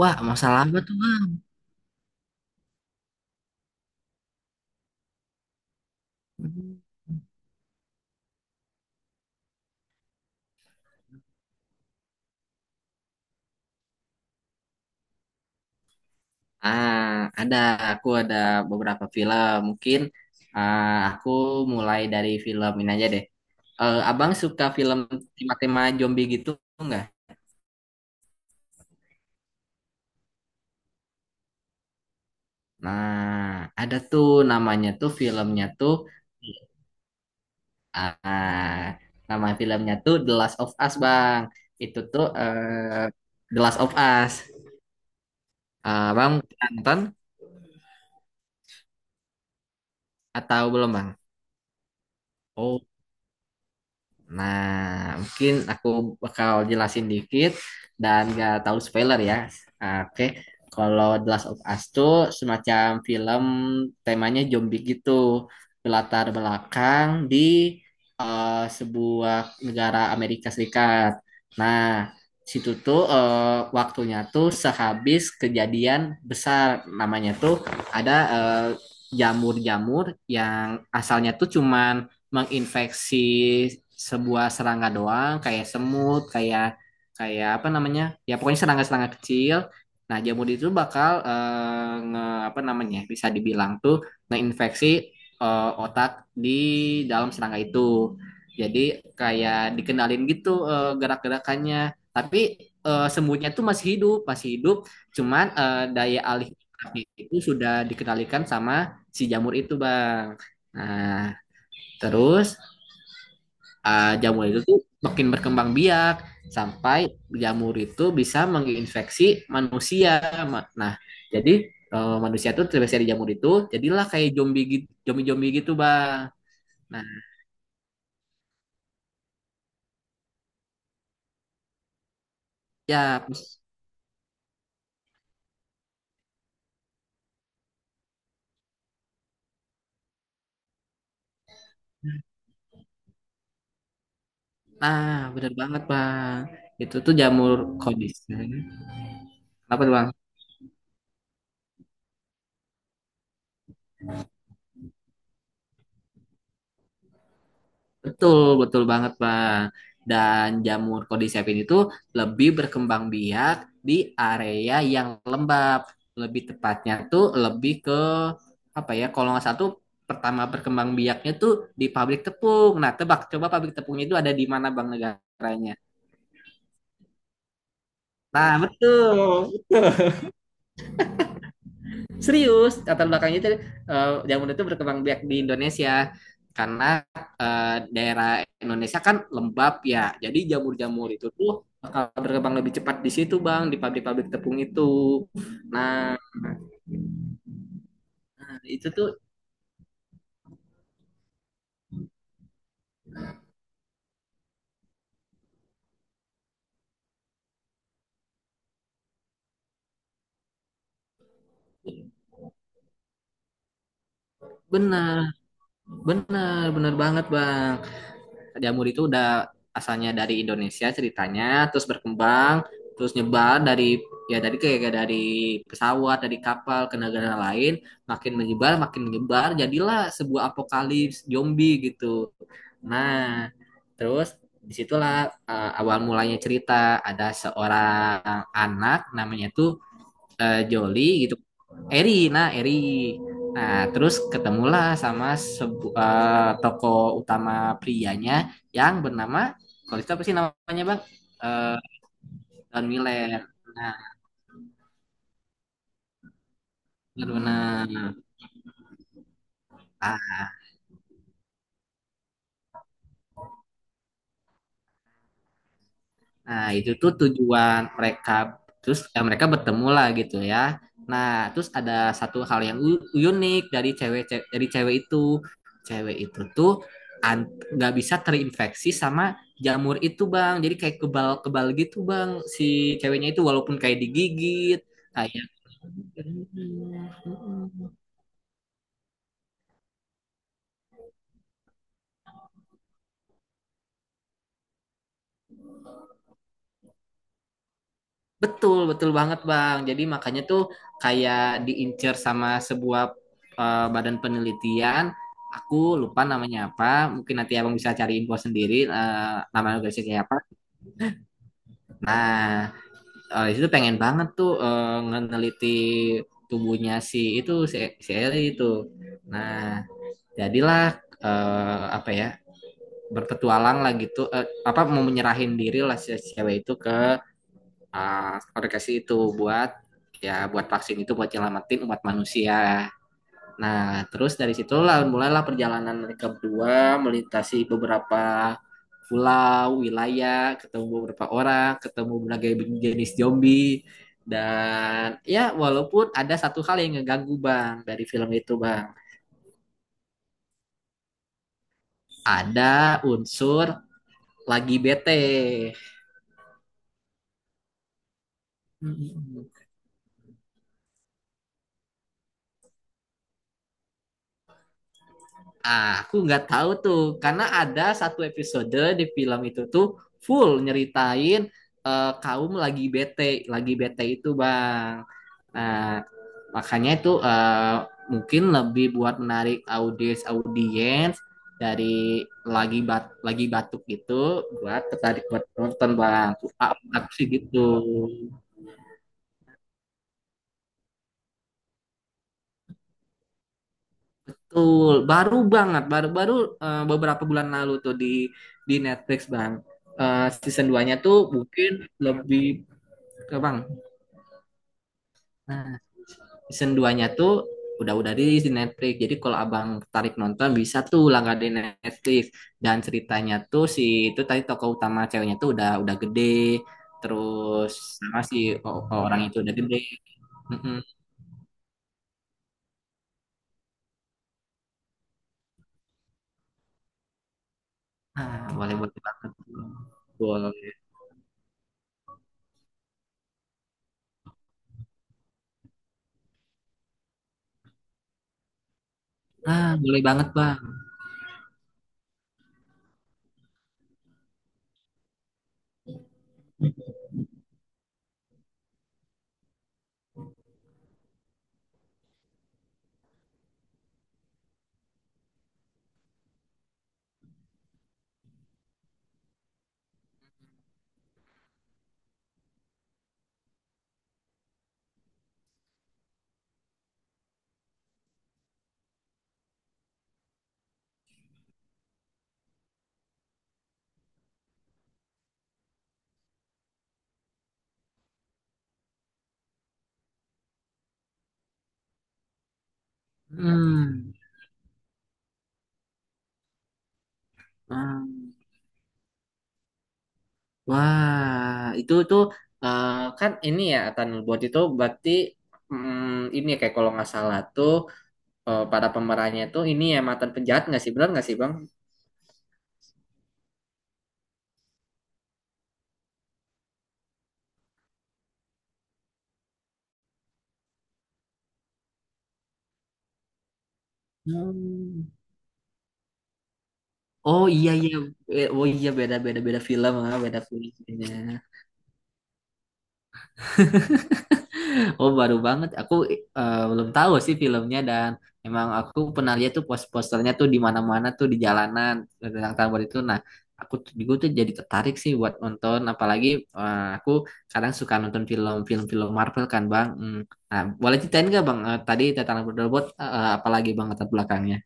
Wah, masalah apa tuh, Bang? Hmm. Ah, ada. Aku ada beberapa film. Mungkin aku mulai dari film ini aja deh. Abang suka film tema-tema zombie gitu nggak? Nah, ada tuh namanya tuh filmnya tuh ah, nama filmnya tuh The Last of Us, Bang. Itu tuh The Last of Us. Ah, bang nonton atau belum, Bang? Nah, mungkin aku bakal jelasin dikit dan gak tahu spoiler ya. Oke. Kalau The Last of Us tuh semacam film temanya zombie gitu. Berlatar belakang di sebuah negara Amerika Serikat. Nah, situ tuh waktunya tuh sehabis kejadian besar, namanya tuh ada jamur-jamur yang asalnya tuh cuman menginfeksi sebuah serangga doang, kayak semut, kayak kayak apa namanya, ya pokoknya serangga-serangga kecil. Nah, jamur itu bakal apa namanya, bisa dibilang tuh ngeinfeksi otak di dalam serangga itu. Jadi kayak dikenalin gitu gerak-gerakannya, tapi semutnya tuh masih hidup, cuman daya alih otaknya itu sudah dikendalikan sama si jamur itu, Bang. Nah, terus jamur itu tuh makin berkembang biak sampai jamur itu bisa menginfeksi manusia. Nah, jadi manusia tuh terinfeksi dari jamur itu, jadilah kayak zombie gitu, zombie-zombie gitu, Bang. Nah, ya, nah bener banget, Bang. Itu tuh jamur kondisi. Apa tuh, Bang? Betul, betul banget, Bang. Dan jamur cordyceps itu lebih berkembang biak di area yang lembab. Lebih tepatnya tuh lebih ke apa ya? Kalau nggak salah tuh pertama berkembang biaknya tuh di pabrik tepung. Nah, tebak coba pabrik tepungnya itu ada di mana, Bang, negaranya? Nah, betul. Serius, latar belakangnya itu jamu itu berkembang biak di Indonesia karena eh, daerah Indonesia kan lembab ya. Jadi jamur-jamur itu tuh bakal berkembang lebih cepat di situ, Bang, di pabrik-pabrik tepung itu. Nah, itu tuh benar, benar banget, Bang. Jamur itu udah asalnya dari Indonesia ceritanya, terus berkembang, terus nyebar dari ya dari kayak dari pesawat, dari kapal ke negara lain, makin menyebar, jadilah sebuah apokalips zombie gitu. Nah, terus disitulah awal mulanya cerita ada seorang anak namanya tuh Joli gitu, Eri, nah Eri, nah terus ketemulah sama tokoh utama prianya yang bernama, kalau itu apa sih namanya, bang? Eh, Don Miller, nah benar-benar. Nah, itu tuh tujuan mereka. Terus ya, mereka bertemu lah gitu ya. Nah, terus ada satu hal yang unik dari cewek, dari cewek itu. Cewek itu tuh an- nggak bisa terinfeksi sama jamur itu, Bang. Jadi kayak kebal-kebal gitu, Bang. Si ceweknya itu walaupun kayak digigit, kayak betul, betul banget, Bang. Jadi makanya tuh kayak diincer sama sebuah badan penelitian. Aku lupa namanya apa. Mungkin nanti Abang bisa cari info sendiri nama organisasi kayak apa. Nah, itu pengen banget tuh ngeneliti tubuhnya si itu, si E, si Eli itu. Nah, jadilah apa ya, berpetualang lah gitu. Eh, apa mau menyerahin diri lah si si cewek itu ke aku itu buat ya buat vaksin itu buat nyelamatin umat manusia. Nah, terus dari situlah mulailah perjalanan mereka berdua melintasi beberapa pulau, wilayah, ketemu beberapa orang, ketemu berbagai jenis zombie, dan ya walaupun ada satu hal yang ngeganggu, Bang, dari film itu, Bang. Ada unsur lagi bete. Hmm. Ah, aku nggak tahu tuh, karena ada satu episode di film itu tuh full nyeritain kaum lagi bete, itu bang. Nah, makanya itu mungkin lebih buat menarik audiens audiens dari lagi bat lagi batuk gitu buat tertarik buat nonton, bang. Aku sih gitu. Betul, baru banget, baru-baru beberapa bulan lalu tuh di Netflix, Bang. Eh, season duanya tuh mungkin lebih ke, Bang. Nah, season duanya tuh udah rilis di Netflix. Jadi kalau Abang tertarik nonton bisa tuh langganan Netflix. Dan ceritanya tuh si itu tadi tokoh utama ceweknya tuh udah gede. Terus sama si orang itu udah gede. Mm-mm. Nah, boleh-boleh banget. Boleh. Ah, boleh banget, Bang. Hmm. Ah. Wah, itu tuh eh, kan ini ya Thunderbolt itu berarti ini ya, kayak kalau nggak salah tuh para pemerannya tuh ini ya mantan penjahat nggak sih, benar nggak sih, Bang? Hmm. Oh iya iya. Oh iya, beda, beda film, ah beda filmnya. Oh baru banget, aku belum tahu sih filmnya dan emang aku pernah lihat tuh pos-posternya tuh di mana-mana tuh di jalanan tentang Tambor itu. Nah aku tuh juga tuh jadi tertarik sih buat nonton, apalagi aku kadang suka nonton film-film film Marvel kan, bang. Hmm. Nah boleh ceritain nggak bang tadi tentang robot apalagi bang latar belakangnya?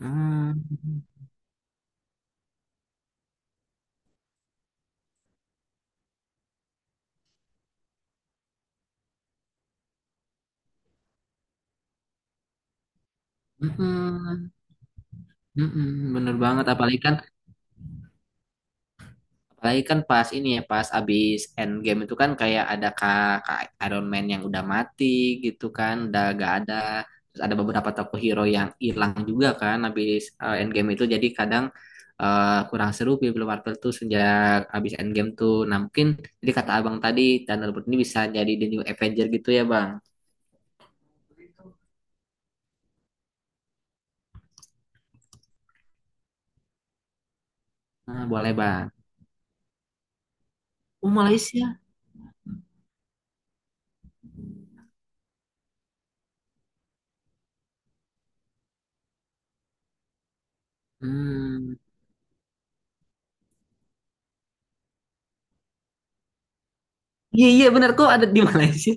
Hmm. Mm-mm. Mm-mm. Bener banget apalagi kan. Apalagi kan pas ini ya, pas abis Endgame itu kan kayak ada kak, kak Iron Man yang udah mati gitu kan, udah gak ada. Terus ada beberapa tokoh hero yang hilang juga kan abis Endgame itu. Jadi kadang kurang seru film Marvel tuh sejak abis Endgame tuh. Nah mungkin jadi kata abang tadi, Thunder ini bisa jadi The New Avenger gitu ya bang. Nah, boleh bang. Oh Malaysia. Hmm. Iya iya benar kok ada di Malaysia.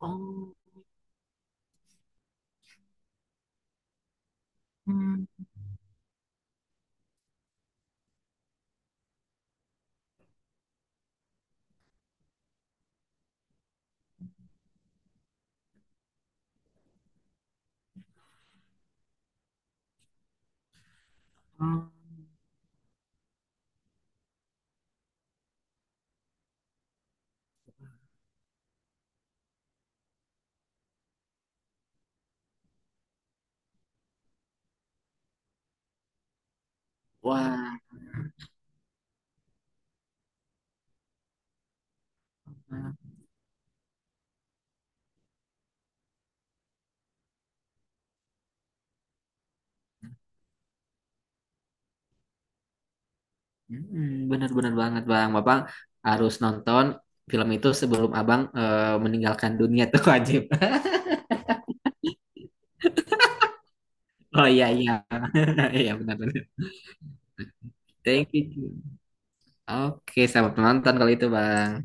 Oh. Hmm. Hmm. Wah. Mm, bener-bener banget bang, bapak harus nonton film itu sebelum abang meninggalkan dunia tuh wajib. Oh iya iya, iya benar-benar. Thank you. Oke, selamat menonton kalau itu bang.